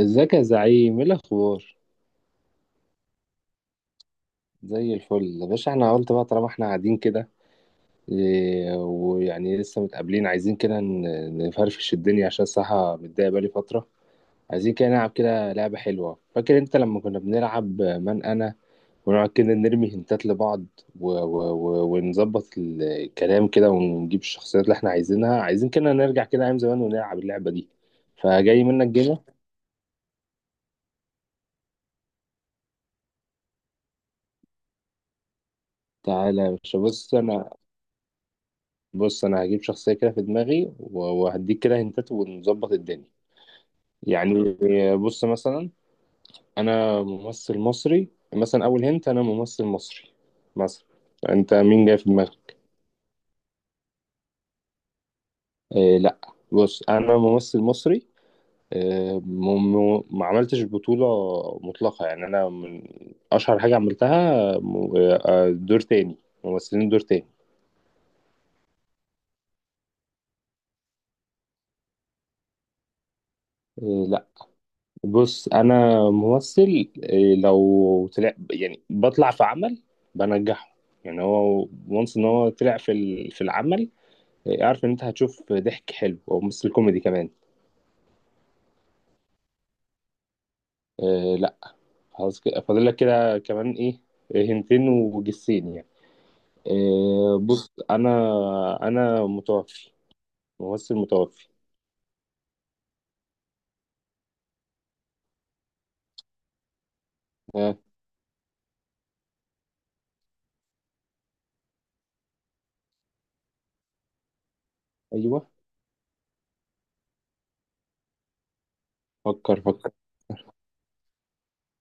ازيك يا زعيم، ايه الاخبار؟ زي الفل يا باشا، احنا قلت بقى طالما احنا قاعدين كده. إيه، ويعني لسه متقابلين عايزين كده نفرفش الدنيا عشان الصراحه متضايق بقالي فتره. عايزين كده نلعب كده لعبه حلوه، فاكر انت لما كنا بنلعب من انا ونقعد كده نرمي هنتات لبعض و و و ونظبط الكلام كده ونجيب الشخصيات اللي احنا عايزينها، عايزين كده نرجع كده ايام زمان ونلعب اللعبه دي. فجاي منك جيمه. تعالى يا باشا، بص انا هجيب شخصيه كده في دماغي وهديك كده هنتات ونظبط الدنيا. يعني بص مثلا، انا ممثل مصري، مثلا اول هنت انا ممثل مصري، مثلا انت مين جاي في دماغك؟ إيه لا، بص انا ممثل مصري، إيه ما عملتش بطوله مطلقه، يعني انا من اشهر حاجه عملتها آه، دور تاني، ممثلين دور تاني. إيه لا، بص انا ممثل، إيه، لو طلع يعني بطلع في عمل بنجحه، يعني هو وانس ان هو طلع في في العمل، إيه، اعرف ان انت هتشوف ضحك حلو او ممثل كوميدي كمان. إيه لا، خلاص كده فاضل لك كده كمان ايه، إيه، هنتين وجسين يعني. إيه بص انا، انا متوفي ممثل متوفي. آه ايوه. فكر فكر.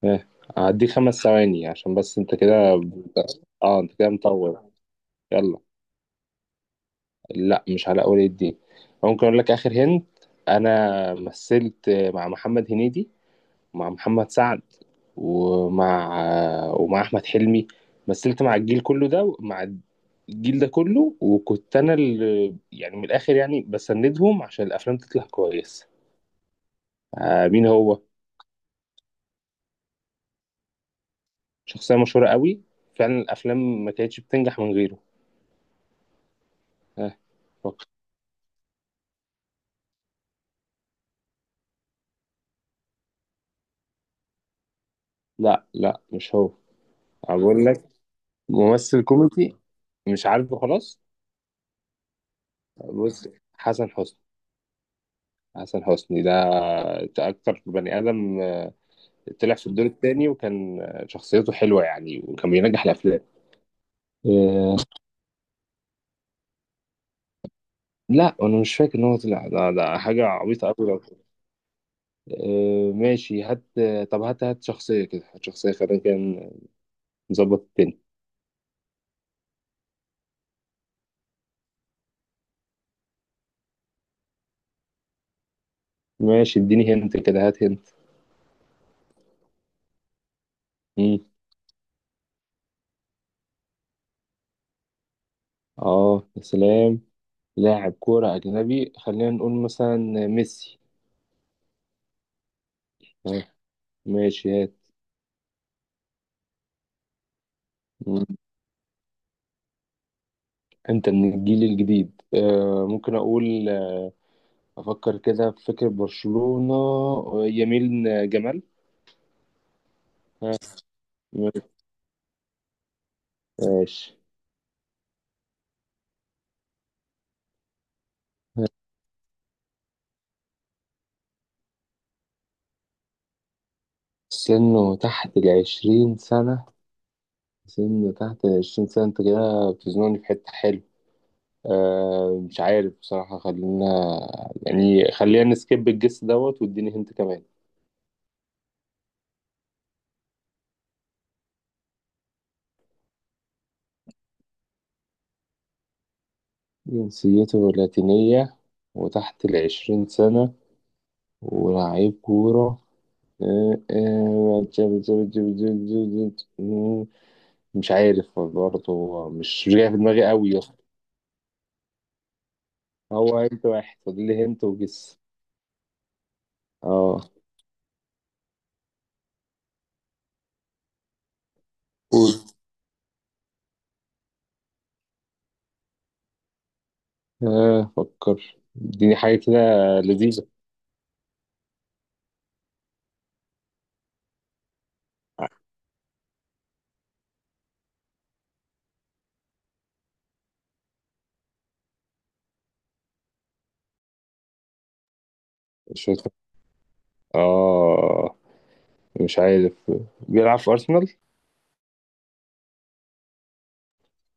آه، هديك خمس ثواني عشان بس انت كده، اه انت كده مطول. يلا. لا مش على اول الدين، ممكن اقول لك اخر هند، انا مثلت مع محمد هنيدي ومع محمد سعد ومع ومع احمد حلمي، مثلت مع الجيل كله ده، مع الجيل ده كله، وكنت انا اللي يعني من الاخر يعني بسندهم عشان الافلام تطلع كويسه. آه مين هو، شخصيه مشهوره قوي، فعلا الافلام ما كانتش بتنجح من غيره. آه فكر. لا لا مش هو، أنا بقول لك ممثل كوميدي. مش عارفه خلاص. بص، حسن حسني، حسن حسني ده أكتر بني آدم طلع في الدور التاني وكان شخصيته حلوة يعني وكان بينجح الأفلام. آه، لا، أنا مش فاكر إن هو طلع ده، ده حاجة عبيطة أوي لو. ماشي هات، طب هات شخصية كده، هات شخصية خلينا كان نظبط التاني. ماشي اديني هنت كده هات هنت. مم. اه يا سلام، لاعب كورة أجنبي، خلينا نقول مثلا ميسي. آه، ماشي هات. مم. أنت من الجيل الجديد، ممكن أقول، أفكر كده في فكرة برشلونة، يميل جمال. ها، ماشي. سنه تحت العشرين سنة، سنه تحت العشرين سنة، أنت كده بتزنقني في حتة حلوة، أه مش عارف بصراحة، خلينا يعني خلينا نسكيب الجس دوت واديني هنت كمان. جنسيته لاتينية، وتحت العشرين سنة، ولاعيب كورة، آه، آه، مش عارف برضه، مش جاي في دماغي قوي يا اسطى. هو انت واحد فاضل لي هنت وجس. اه قول. اه فكر، اديني حاجة كده لذيذة شوية. اه مش عارف، بيلعب في أرسنال؟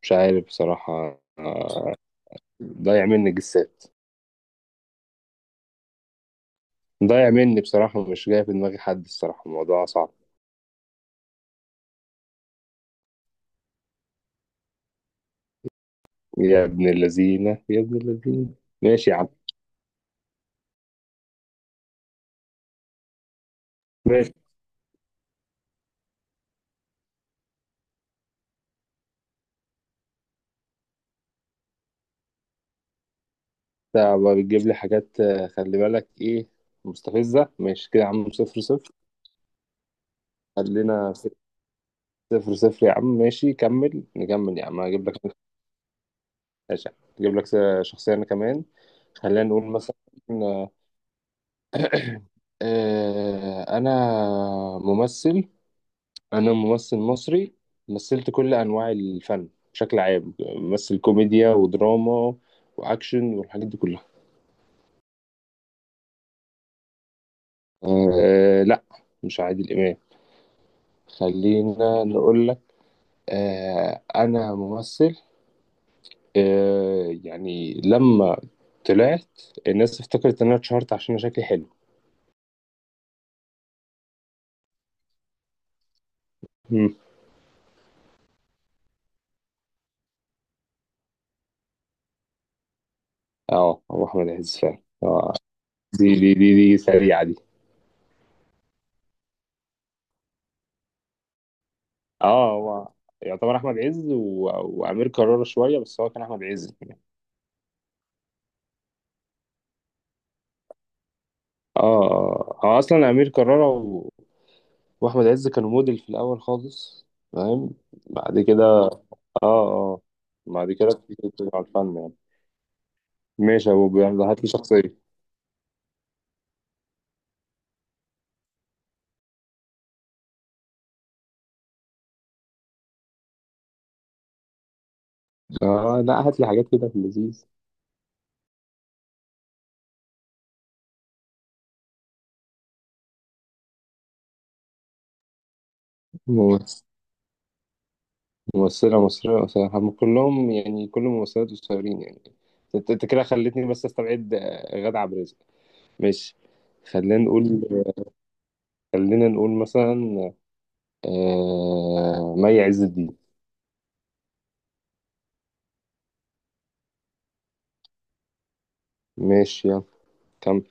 مش عارف بصراحة، ضايع مني جسات، ضايع مني بصراحة، مش جاي في دماغي حد، الصراحة الموضوع صعب. يا ابن اللذينة يا ابن اللذينة. ماشي يا عم، ماشي. انت بقى بتجيب لي حاجات، خلي بالك، ايه مستفزة، ماشي كده يا عم صفر صفر. قال لنا صفر صفر يا عم، ماشي كمل، نكمل يا عم هجيب لك. ماشي يا عم. هجيب لك شخصية أنا كمان. خلينا نقول مثلا، أنا ممثل، أنا ممثل مصري، مثلت كل أنواع الفن بشكل عام، ممثل كوميديا ودراما وأكشن والحاجات دي كلها. لأ مش عادل إمام، خلينا نقول لك أنا ممثل، آه يعني لما طلعت الناس افتكرت ان انا اتشهرت عشان انا شكلي حلو. مم. اه هو احمد عز فعلا، اه دي سريعه دي. اه هو يعتبر احمد عز و... وامير كرارة شويه، بس هو كان احمد عز. اه هو اصلا امير كرارة و... واحمد عز كانوا موديل في الاول خالص، فاهم؟ بعد كده اه بعد كده بتيجي على الفن يعني. ماشي يا ابو بيعمل، هات لي شخصيه. اه لا، هات لي حاجات كده في اللذيذ. ممثلة مصرية، صراحة هم كلهم يعني كل الممثلات قصيرين يعني، انت كده خلتني بس استبعد غادة عبد الرازق، ماشي. خلينا نقول، خلينا نقول مثلا، آه... مي عز الدين، ماشي يلا كمل.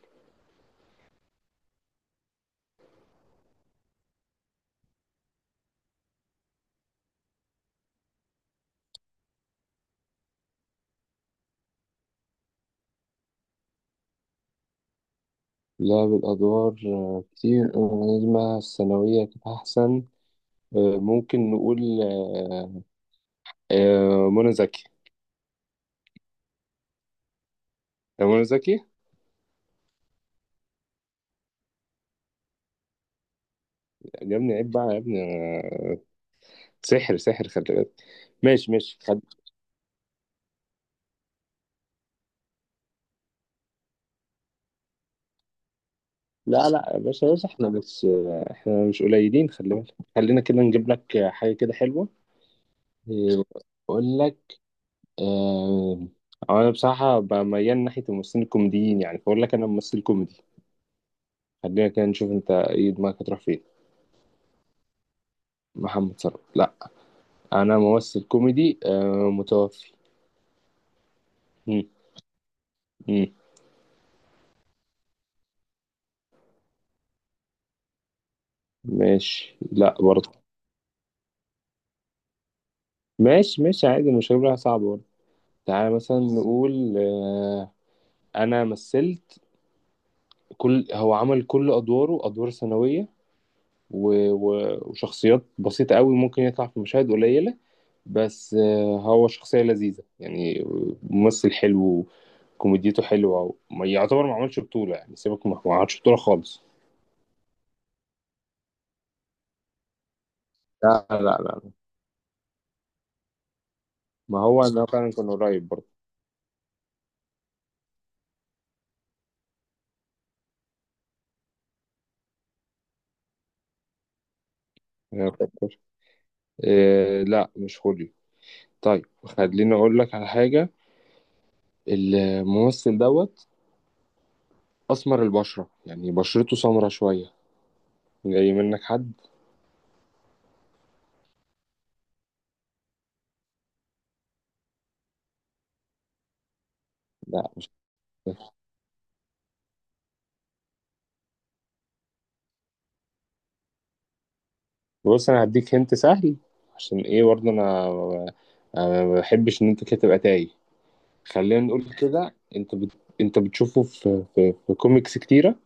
لعب الأدوار كتير، نجمة الثانوية كانت أحسن، ممكن نقول منى زكي، منى زكي. يا ابني عيب بقى يا ابني، سحر سحر خلي بالك. ماشي ماشي. لا لا يا باشا، بس احنا مش، احنا مش قليلين خلي بالك، خلينا كده نجيب لك حاجة كده حلوة. إيه، اقول لك، آه... أو انا بصراحة بقى ميال ناحية الممثلين الكوميديين يعني، فاقول لك انا ممثل كوميدي، خلينا كده نشوف انت ايه دماغك هتروح فين. محمد صلاح لا، انا ممثل كوميدي آه... متوفي. مم. مم. ماشي لا برضه. ماشي ماشي عادي، مش هجيبها صعبة برضه. تعالى مثلا نقول آه... انا مثلت، كل هو عمل كل ادواره ادوار ثانوية وشخصيات بسيطة قوي، ممكن يطلع في مشاهد قليلة، بس هو شخصية لذيذة يعني، ممثل حلو كوميديته حلوة، ما يعتبر ما عملش بطولة يعني، سيبك، ما عملش بطولة خالص. لا لا لا، ما هو انا فعلا كان قريب برضه. أنا أفكر. إيه لا، مش خوليو. طيب خليني اقول لك على حاجة، الممثل دوت اسمر البشرة، يعني بشرته سمرة شوية، جاي منك حد؟ لا مش. بص انا هديك هنت سهل عشان ايه برضه انا، أنا ما بحبش ان انت كده تبقى تايه، خلينا نقول كده انت بت... انت بتشوفه في في كوميكس كتيره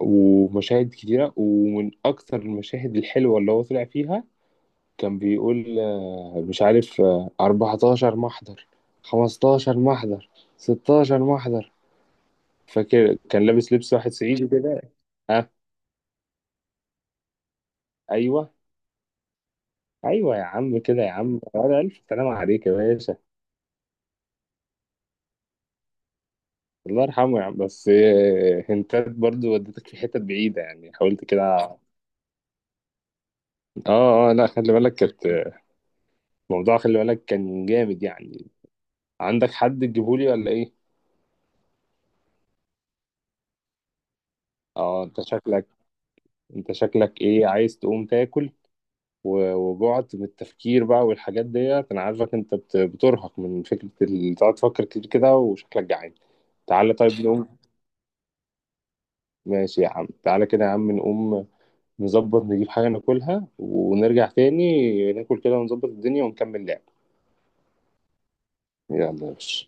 ومشاهد كتيره، ومن اكتر المشاهد الحلوه اللي هو طلع فيها، كان بيقول مش عارف، 14 محضر، 15 محضر، 16 محضر، فاكر كان لابس لبس واحد صعيدي كده. اه. ايوه. ايوه يا عم، كده يا عم، على الف سلام عليك يا باشا. الله يرحمه يعني، بس هنتات برضو ودتك في حتت بعيدة يعني، حاولت كده. اه لا خلي بالك، كانت موضوع خلي بالك كان جامد يعني. عندك حد تجيبهولي ولا ايه؟ اه انت شكلك، انت شكلك ايه، عايز تقوم تاكل وجعت من التفكير بقى والحاجات ديت، انا عارفك انت بترهق من فكرة تقعد تفكر كتير كده، وشكلك جعان. تعالى طيب نقوم. ماشي يا عم تعالى كده يا عم نقوم، نظبط نجيب حاجة ناكلها ونرجع تاني ناكل كده ونظبط الدنيا ونكمل لعب. يلا يا باشا.